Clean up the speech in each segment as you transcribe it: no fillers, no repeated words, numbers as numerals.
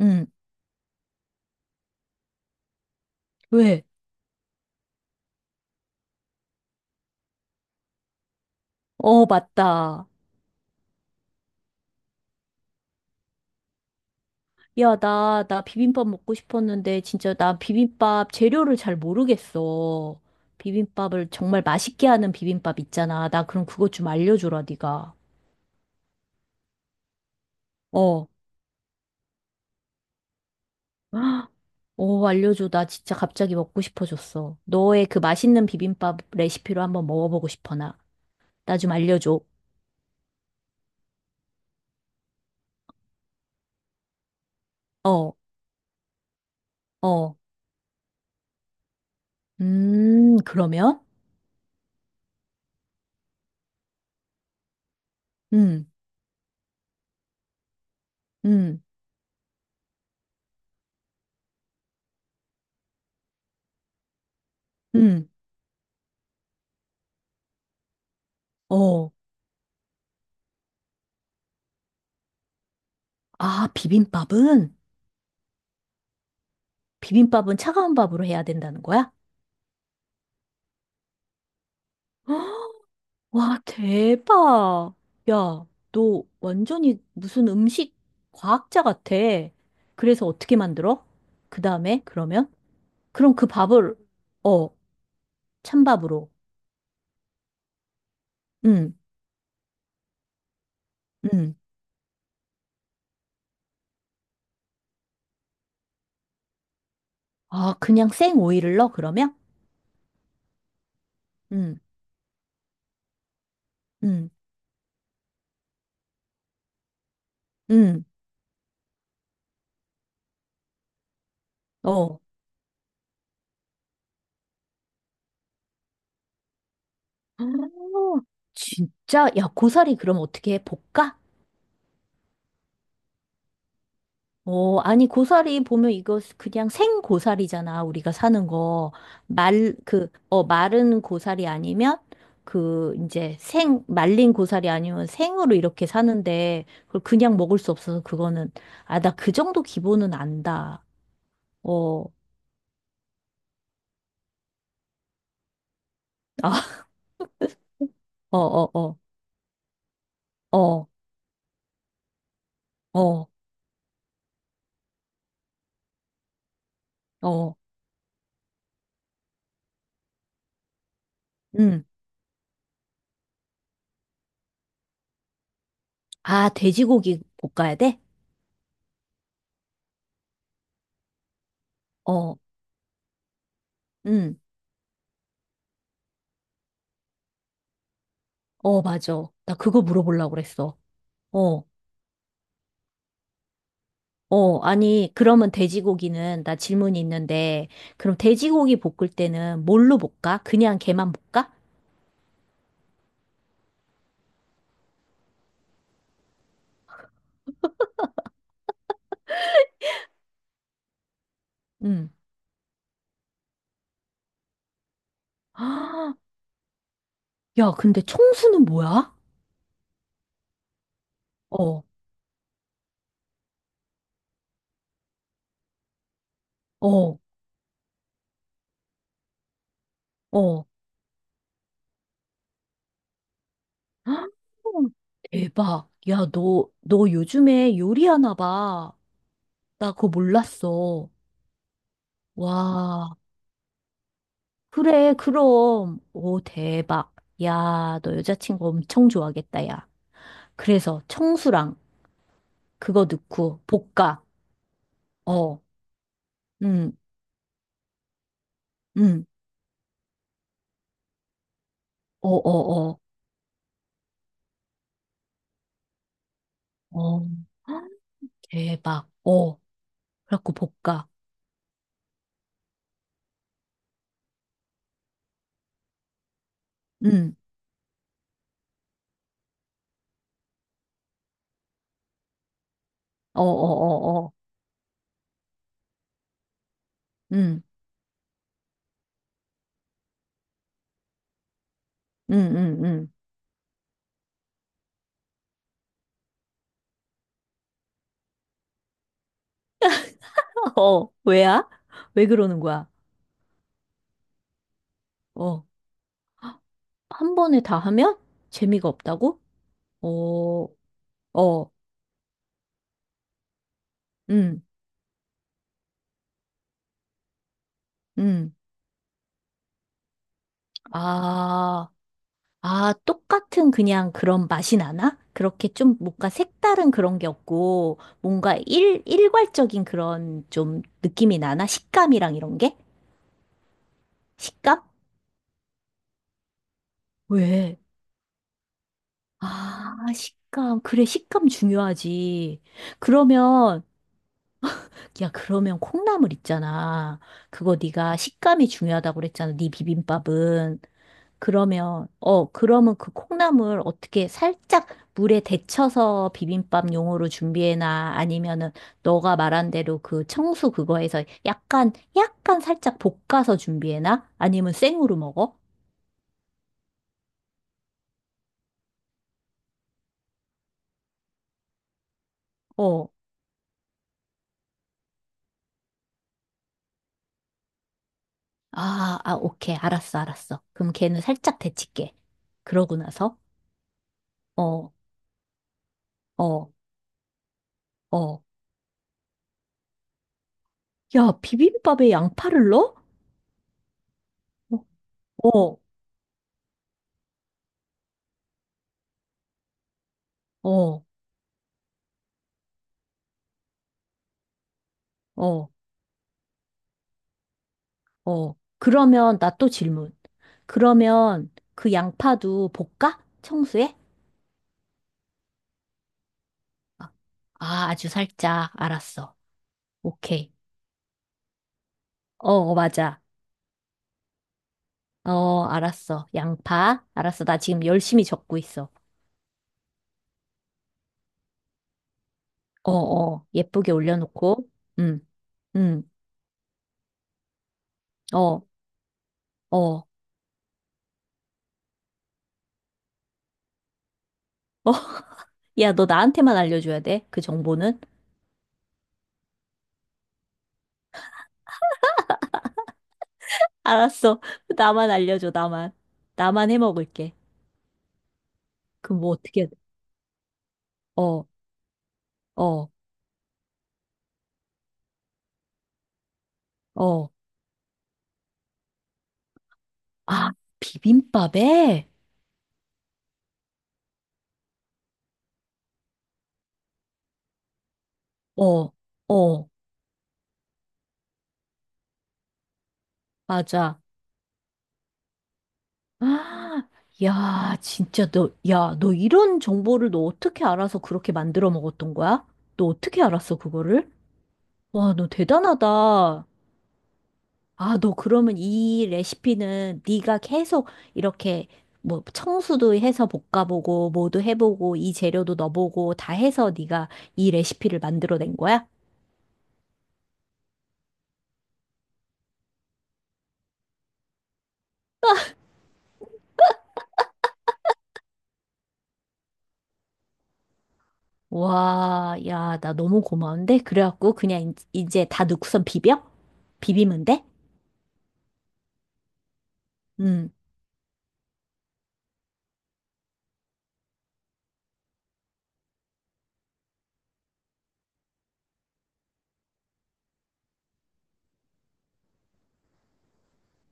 응, 왜? 어, 맞다. 야, 나 비빔밥 먹고 싶었는데, 진짜 나 비빔밥 재료를 잘 모르겠어. 비빔밥을 정말 맛있게 하는 비빔밥 있잖아. 나 그럼 그것 좀 알려줘라, 네가. 어. 헉, 어, 알려줘. 나 진짜 갑자기 먹고 싶어졌어. 너의 그 맛있는 비빔밥 레시피로 한번 먹어보고 싶어, 나. 나 좀 알려줘. 어, 어. 그러면? 음, 음, 음. 어. 아, 비빔밥은? 비빔밥은 차가운 밥으로 해야 된다는 거야? 헉, 와, 대박. 야, 너 완전히 무슨 음식 과학자 같아. 그래서 어떻게 만들어? 그 다음에, 그러면? 그럼 그 밥을, 어, 찬밥으로. 응, 응. 아, 그냥 생 오이를 넣어, 그러면? 응, 응, 응, 어. 아, 진짜? 야, 고사리 그럼 어떻게 해? 볶아? 어, 아니, 고사리 보면 이거 그냥 생 고사리잖아, 우리가 사는 거. 그, 마른 고사리 아니면, 그, 이제 생, 말린 고사리 아니면 생으로 이렇게 사는데, 그걸 그냥 먹을 수 없어서 그거는, 아, 나 그 정도 기본은 안다. 어, 아, 어, 어, 어, 어, 어, 어, 음. 아, 돼지고기 볶아야 돼? 어, 음. 어, 맞아. 나 그거 물어보려고 그랬어. 어. 어, 아니, 그러면 돼지고기는, 나 질문이 있는데, 그럼 돼지고기 볶을 때는 뭘로 볶아? 그냥 걔만 볶아? 응. 아, 야, 근데 청수는 뭐야? 어, 어, 어. 아, 대박. 야, 너 요즘에 요리하나 봐. 나 그거 몰랐어. 와, 그래, 그럼. 오, 대박. 야, 너 여자친구 엄청 좋아하겠다, 야. 그래서 청수랑 그거 넣고 볶아. 어. 응 응. 어, 어, 어. 어. 대박. 어. 그래갖고 볶아. 응. 어, 어, 어, 어. 응. 응, 응, 응. 어. 왜야? 왜 그러는 거야? 어. 한 번에 다 하면 재미가 없다고? 어. 어. 응. 응. 아. 아, 똑같은 그냥 그런 맛이 나나? 그렇게 좀 뭔가 색다른 그런 게 없고, 뭔가 일괄적인 그런 좀 느낌이 나나? 식감이랑 이런 게? 식감? 왜? 아, 식감. 그래, 식감 중요하지. 그러면, 야, 그러면 콩나물 있잖아. 그거 네가 식감이 중요하다고 그랬잖아. 네 비빔밥은. 그러면, 어, 그러면 그 콩나물 어떻게 살짝 물에 데쳐서 비빔밥 용으로 준비해놔? 아니면은 너가 말한 대로 그 청수 그거에서 약간, 약간 살짝 볶아서 준비해놔? 아니면 생으로 먹어? 어. 아, 아, 오케이. 알았어, 알았어. 그럼 걔는 살짝 데칠게. 그러고 나서, 어, 어, 어. 야, 비빔밥에 양파를 넣어? 어, 어, 어, 어. 어. 그러면 나 또 질문. 그러면 그 양파도 볶아? 청소해? 아, 아, 아주 살짝. 알았어. 오케이. 어, 어, 맞아. 어, 알았어. 양파. 알았어. 나 지금 열심히 적고 있어. 어, 어. 예쁘게 올려놓고. 응, 응. 어, 어. 어, 야, 너 나한테만 알려줘야 돼. 그 정보는? 알았어. 나만 알려줘, 나만. 나만 해 먹을게. 그럼 뭐 어떻게 해야 돼? 어, 어, 어. 아, 비빔밥에? 어, 어, 맞아. 아, 야, 진짜 너, 야, 너 이런 정보를 너 어떻게 알아서 그렇게 만들어 먹었던 거야? 너 어떻게 알았어, 그거를? 와, 너 대단하다. 아, 너 그러면 이 레시피는 네가 계속 이렇게 뭐 청수도 해서 볶아보고 뭐도 해보고 이 재료도 넣어보고 다 해서 네가 이 레시피를 만들어낸 거야? 와, 야, 나 너무 고마운데? 그래갖고 그냥 이제 다 넣고선 비벼? 비비면 돼? 음.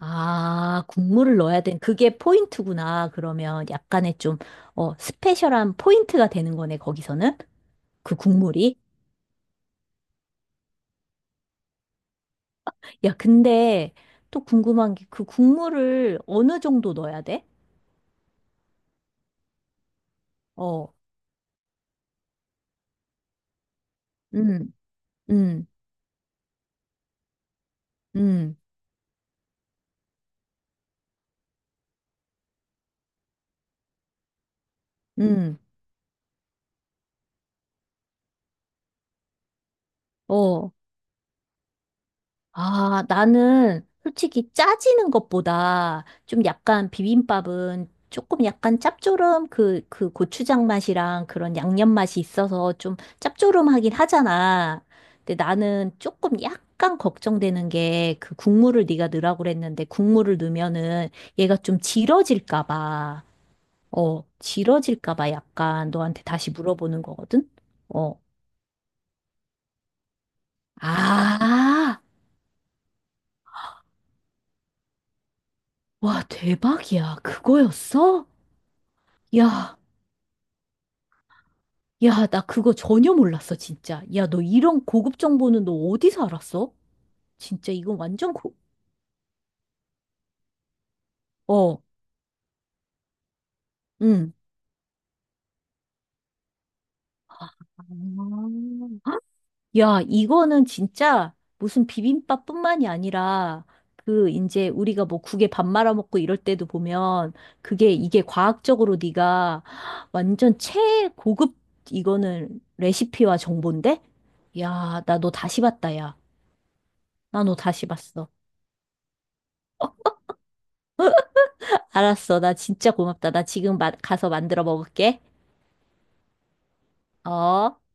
아, 국물을 넣어야 된 그게 포인트구나. 그러면 약간의 좀, 어, 스페셜한 포인트가 되는 거네, 거기서는. 그 국물이. 야, 근데 또 궁금한 게 그 국물을 어느 정도 넣어야 돼? 어, 음, 음, 음, 음, 어. 아, 나는 솔직히 짜지는 것보다 좀 약간 비빔밥은 조금 약간 짭조름 그, 그 고추장 맛이랑 그런 양념 맛이 있어서 좀 짭조름하긴 하잖아. 근데 나는 조금 약간 걱정되는 게 그 국물을 네가 넣으라고 그랬는데 국물을 넣으면은 얘가 좀 질어질까 봐. 어, 길어질까 봐 약간 너한테 다시 물어보는 거거든? 어. 아, 와, 대박이야. 그거였어? 야, 야, 나 그거 전혀 몰랐어, 진짜. 야, 너 이런 고급 정보는 너 어디서 알았어? 진짜 이건 완전 고, 어, 응. 아, 야, 이거는 진짜 무슨 비빔밥뿐만이 아니라 그 이제 우리가 뭐 국에 밥 말아 먹고 이럴 때도 보면 그게 이게 과학적으로 네가 완전 최고급 이거는 레시피와 정보인데? 야, 나 너 다시 봤다, 야. 나 너 다시 봤어. 알았어. 나 진짜 고맙다. 나 지금 가서 만들어 먹을게. 어?